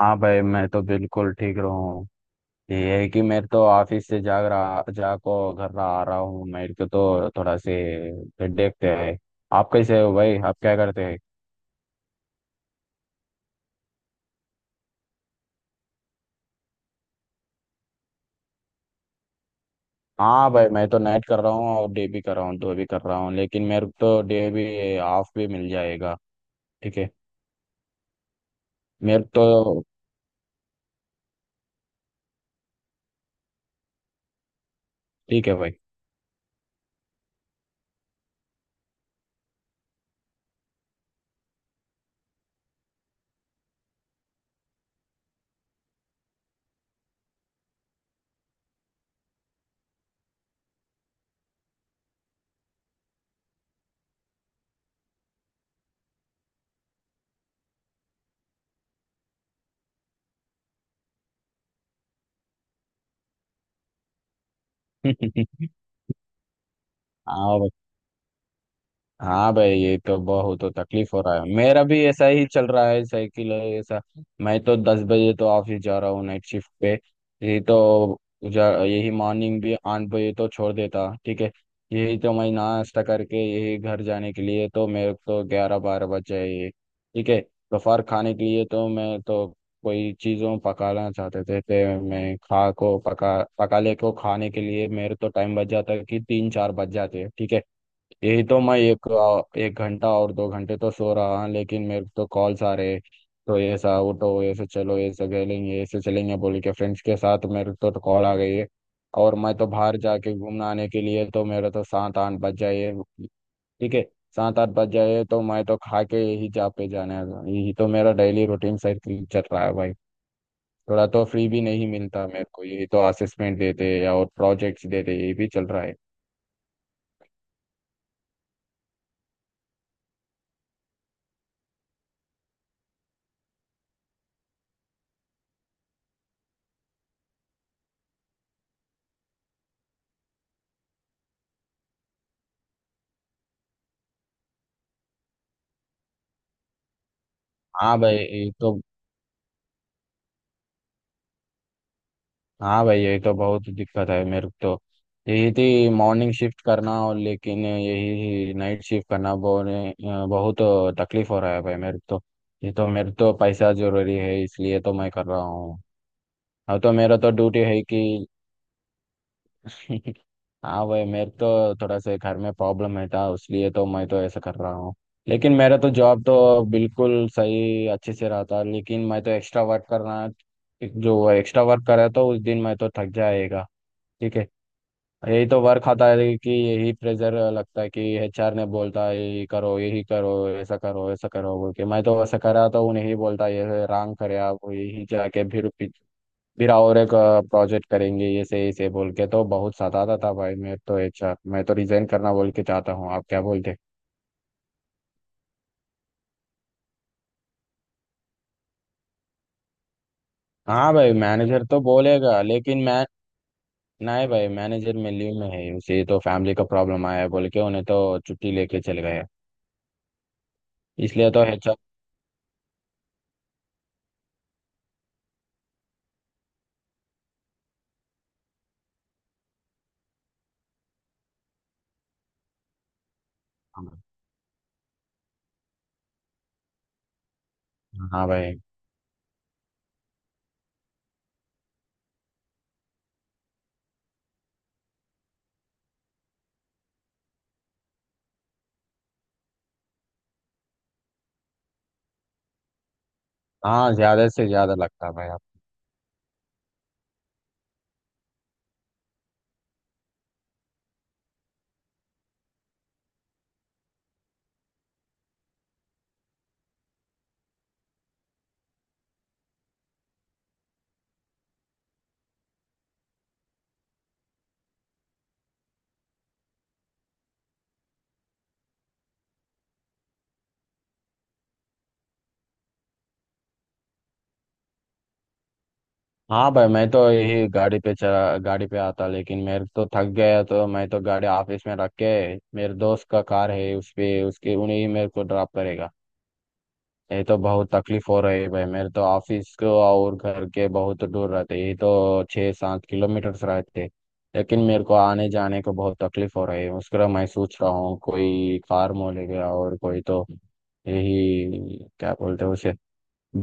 हाँ भाई मैं तो बिल्कुल ठीक रहा हूँ। ये है कि मैं तो ऑफिस से जाग रहा जाको घर रहा आ रहा हूँ मेरे को तो थोड़ा से देखते हैं। आप कैसे हो भाई? आप क्या करते हैं? हाँ भाई मैं तो नाइट कर रहा हूँ और डे भी कर रहा हूँ दो भी कर रहा हूँ लेकिन मेरे को तो डे भी ऑफ भी मिल जाएगा। ठीक है। मेरे को तो ठीक है भाई। हाँ। हाँ भाई ये तो बहुत तो तकलीफ हो रहा है मेरा भी ऐसा ही चल रहा है साइकिल है ऐसा। मैं तो 10 बजे तो ऑफिस जा रहा हूँ नाइट शिफ्ट पे। यही तो जा यही मॉर्निंग भी 8 बजे तो छोड़ देता। ठीक है। यही तो मैं नाश्ता करके यही घर जाने के लिए तो मेरे को तो ग्यारह बारह बज जाए। ठीक है। दोपहर खाने के लिए तो मैं तो कोई चीज़ों पकाना चाहते थे तो मैं खा को पका पका ले को खाने के लिए मेरे तो टाइम बच जाता है कि तीन चार बज जाते हैं। ठीक है। यही तो मैं एक एक घंटा और दो घंटे तो सो रहा हूँ लेकिन मेरे को तो कॉल्स आ रहे। तो ऐसा उठो ऐसे चलो ऐसे खेलेंगे ऐसे चलेंगे बोल के फ्रेंड्स के साथ मेरे को तो कॉल आ गई है। और मैं तो बाहर जाके घूमने आने के लिए तो मेरा तो सात आठ बज जाए। ठीक है। सात आठ बज जाए तो मैं तो खा के यही जा पे जाने वाला हूँ। यही तो मेरा डेली रूटीन साइकिल चल रहा है भाई। थोड़ा तो फ्री भी नहीं मिलता मेरे को यही तो असेसमेंट देते या और प्रोजेक्ट्स देते हैं, यही भी चल रहा है। हाँ भाई ये तो। हाँ भाई यही तो बहुत दिक्कत है मेरे को तो। यही थी मॉर्निंग शिफ्ट करना और लेकिन यही नाइट शिफ्ट करना बहुत तकलीफ हो रहा है भाई मेरे को तो। ये तो मेरे तो पैसा जरूरी है इसलिए तो मैं कर रहा हूँ। अब तो मेरा तो ड्यूटी है कि। हाँ भाई मेरे तो थोड़ा सा घर में प्रॉब्लम है था इसलिए तो मैं तो ऐसा कर रहा हूँ। लेकिन मेरा तो जॉब तो बिल्कुल सही अच्छे से रहा था लेकिन मैं तो एक्स्ट्रा वर्क करना। जो एक्स्ट्रा वर्क करा तो उस दिन मैं तो थक जाएगा। ठीक है। यही तो वर्क आता है कि यही प्रेशर लगता है कि एचआर ने बोलता है यही करो ऐसा करो ऐसा करो बोल के मैं तो वैसा करा तो उन्हें ही बोलता ये रॉन्ग करे आप यही जाके फिर और एक प्रोजेक्ट करेंगे ऐसे ऐसे बोल के तो बहुत सताता था भाई मैं तो एचआर मैं तो रिजाइन करना बोल के चाहता हूँ आप क्या बोलते। हाँ भाई मैनेजर तो बोलेगा लेकिन मैं। नहीं भाई मैनेजर में लीव में है उसे तो फैमिली का प्रॉब्लम आया बोल के उन्हें तो छुट्टी लेके चले गए। इसलिए तो एचआर। हाँ भाई। हाँ ज्यादा से ज्यादा लगता भाई आप। हाँ भाई मैं तो यही गाड़ी पे चला गाड़ी पे आता लेकिन मेरे तो थक गया तो मैं तो गाड़ी ऑफिस में रख के मेरे दोस्त का कार है उस पे उसके उन्हें ही मेरे को ड्रॉप करेगा। ये तो बहुत तकलीफ हो रही है भाई मेरे तो ऑफिस को और घर के बहुत दूर रहते यही तो 6 7 किलोमीटर रहते। लेकिन मेरे को आने जाने को बहुत तकलीफ हो रही है उसके लिए मैं सोच रहा हूँ कोई कार मोलेगा और कोई तो यही क्या बोलते हैं उसे।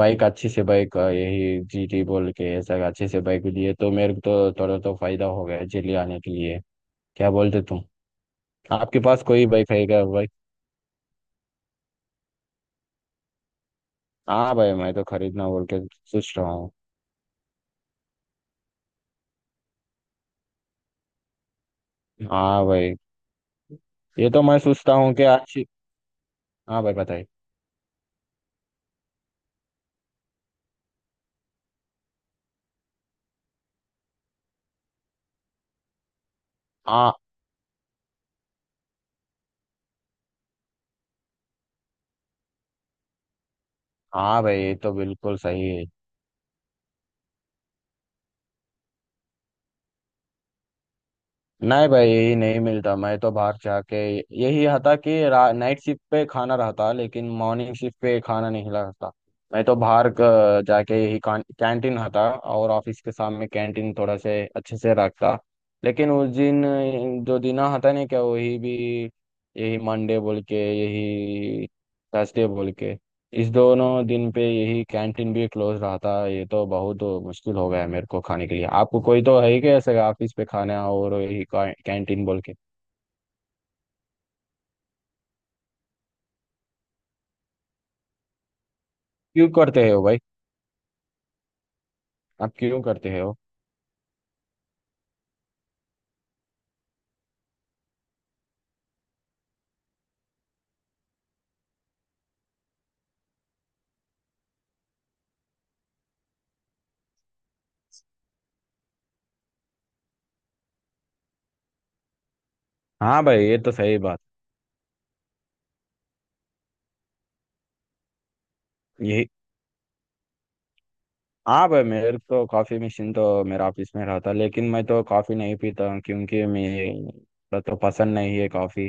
बाइक अच्छी से बाइक यही जीटी बोल के ऐसा अच्छे से बाइक लिए तो मेरे को तो थोड़ा तो फायदा हो गया दिल्ली आने के लिए। क्या बोलते तुम? आपके पास कोई बाइक है क्या भाई? हाँ भाई मैं तो खरीदना बोल के सोच रहा हूँ। हाँ भाई ये तो मैं सोचता हूँ कि अच्छी। हाँ भाई बताइए। हाँ हाँ भाई ये तो बिल्कुल सही है। नहीं भाई नहीं मिलता मैं तो बाहर जाके यही था कि नाइट शिफ्ट पे खाना रहता लेकिन मॉर्निंग शिफ्ट पे खाना नहीं रहता। मैं तो बाहर जाके यही कैंटीन था और ऑफिस के सामने कैंटीन थोड़ा से अच्छे से रखता। लेकिन उस दिन जो दिन था नहीं क्या वही भी यही मंडे बोल के यही थर्सडे बोल के इस दोनों दिन पे यही कैंटीन भी क्लोज रहा था ये तो बहुत मुश्किल हो गया है मेरे को खाने के लिए आपको कोई तो है ही क्या ऐसे ऑफिस पे खाना और यही कैंटीन बोल के। क्यों करते हो भाई? आप क्यों करते हो? हाँ भाई ये तो सही बात यही। हाँ भाई मेरे तो कॉफी मशीन तो मेरे ऑफिस में रहा था लेकिन मैं तो कॉफी नहीं पीता क्योंकि मेरा तो पसंद नहीं है कॉफी।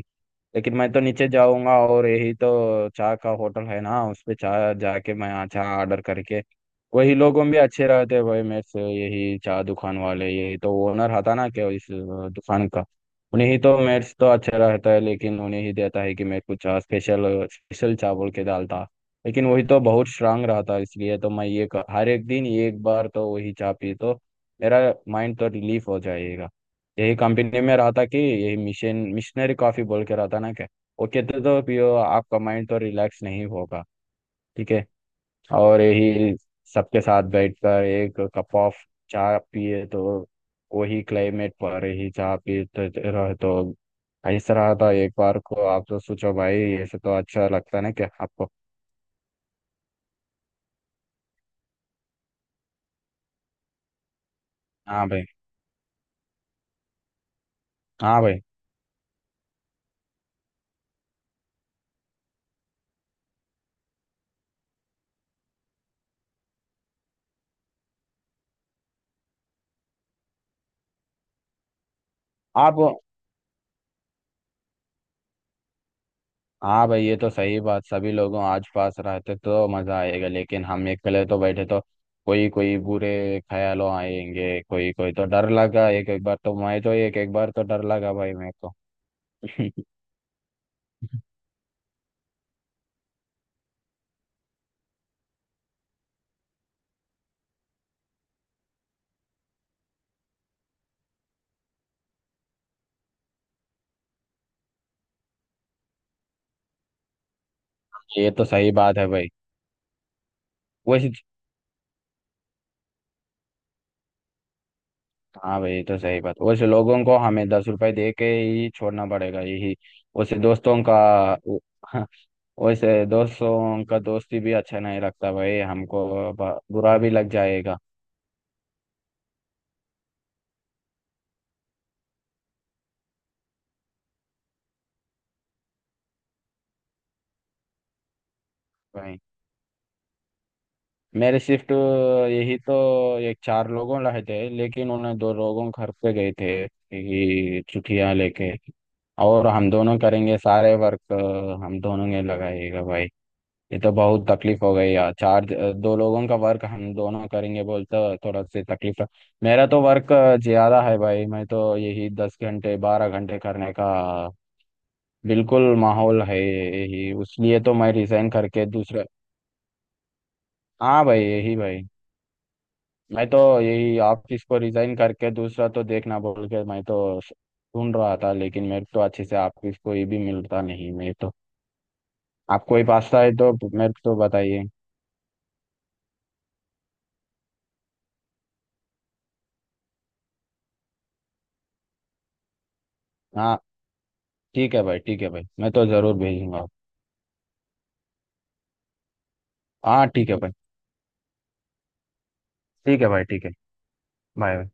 लेकिन मैं तो नीचे जाऊंगा और यही तो चाय का होटल है ना उस पे चाय जाके मैं यहाँ चाय ऑर्डर करके वही लोगों भी अच्छे रहते हैं भाई मेरे से यही चाय दुकान वाले यही तो ओनर था ना क्या इस दुकान का। उन्हें ही तो मेरे से तो अच्छा रहता है लेकिन उन्हें ही देता है कि मेरे को चाय स्पेशल स्पेशल चाय बोल के डालता। लेकिन वही तो बहुत स्ट्रांग रहता है इसलिए तो मैं ये हर एक दिन एक बार तो वही चाय पी तो मेरा माइंड तो रिलीफ हो जाएगा। यही कंपनी में रहा था कि यही मिशन मिशनरी कॉफी बोल के रहा था ना क्या। वो कहते तो पियो आपका माइंड तो रिलैक्स नहीं होगा। ठीक है। और यही सबके साथ बैठकर एक कप ऑफ चाय पिए तो वही क्लाइमेट पर ही चाय पीते रहे तो ऐसा रहा था एक बार को आप तो सोचो भाई ऐसे तो अच्छा लगता है ना क्या आपको? हाँ भाई। हाँ भाई आप। हाँ भाई ये तो सही बात सभी लोगों आज पास रहते तो मजा आएगा लेकिन हम अकेले तो बैठे तो कोई कोई बुरे ख्यालों आएंगे कोई कोई तो डर लगा एक एक बार तो मैं तो एक एक बार तो डर लगा भाई मेरे को। ये तो सही बात है भाई। वैसे हाँ भाई ये तो सही बात वैसे लोगों को हमें 10 रुपए दे के ही छोड़ना पड़ेगा यही। वैसे दोस्तों का वैसे दोस्तों का दोस्ती भी अच्छा नहीं लगता भाई हमको। बुरा भी लग जाएगा। भाई मेरे शिफ्ट यही तो एक चार लोगों रहे थे लेकिन उन्हें दो लोगों घर पे गए थे यही छुट्टियां लेके। और हम दोनों करेंगे सारे वर्क। हम दोनों ने लगाएगा भाई। ये तो बहुत तकलीफ हो गई यार चार दो लोगों का वर्क हम दोनों करेंगे बोलते थोड़ा से तकलीफ है। मेरा तो वर्क ज्यादा है भाई मैं तो यही 10 घंटे 12 घंटे करने का बिल्कुल माहौल है यही उसलिए तो मैं रिजाइन करके दूसरे। हाँ भाई यही भाई। मैं तो यही ऑफिस को रिजाइन करके दूसरा तो देखना बोल के मैं तो ढूंढ रहा था लेकिन मेरे को तो अच्छे से ऑफिस कोई भी मिलता नहीं मैं तो आपको ही पास्ता है तो मेरे को तो बताइए। हाँ ठीक है भाई मैं तो जरूर भेजूंगा। हाँ ठीक है भाई ठीक है भाई ठीक है बाय।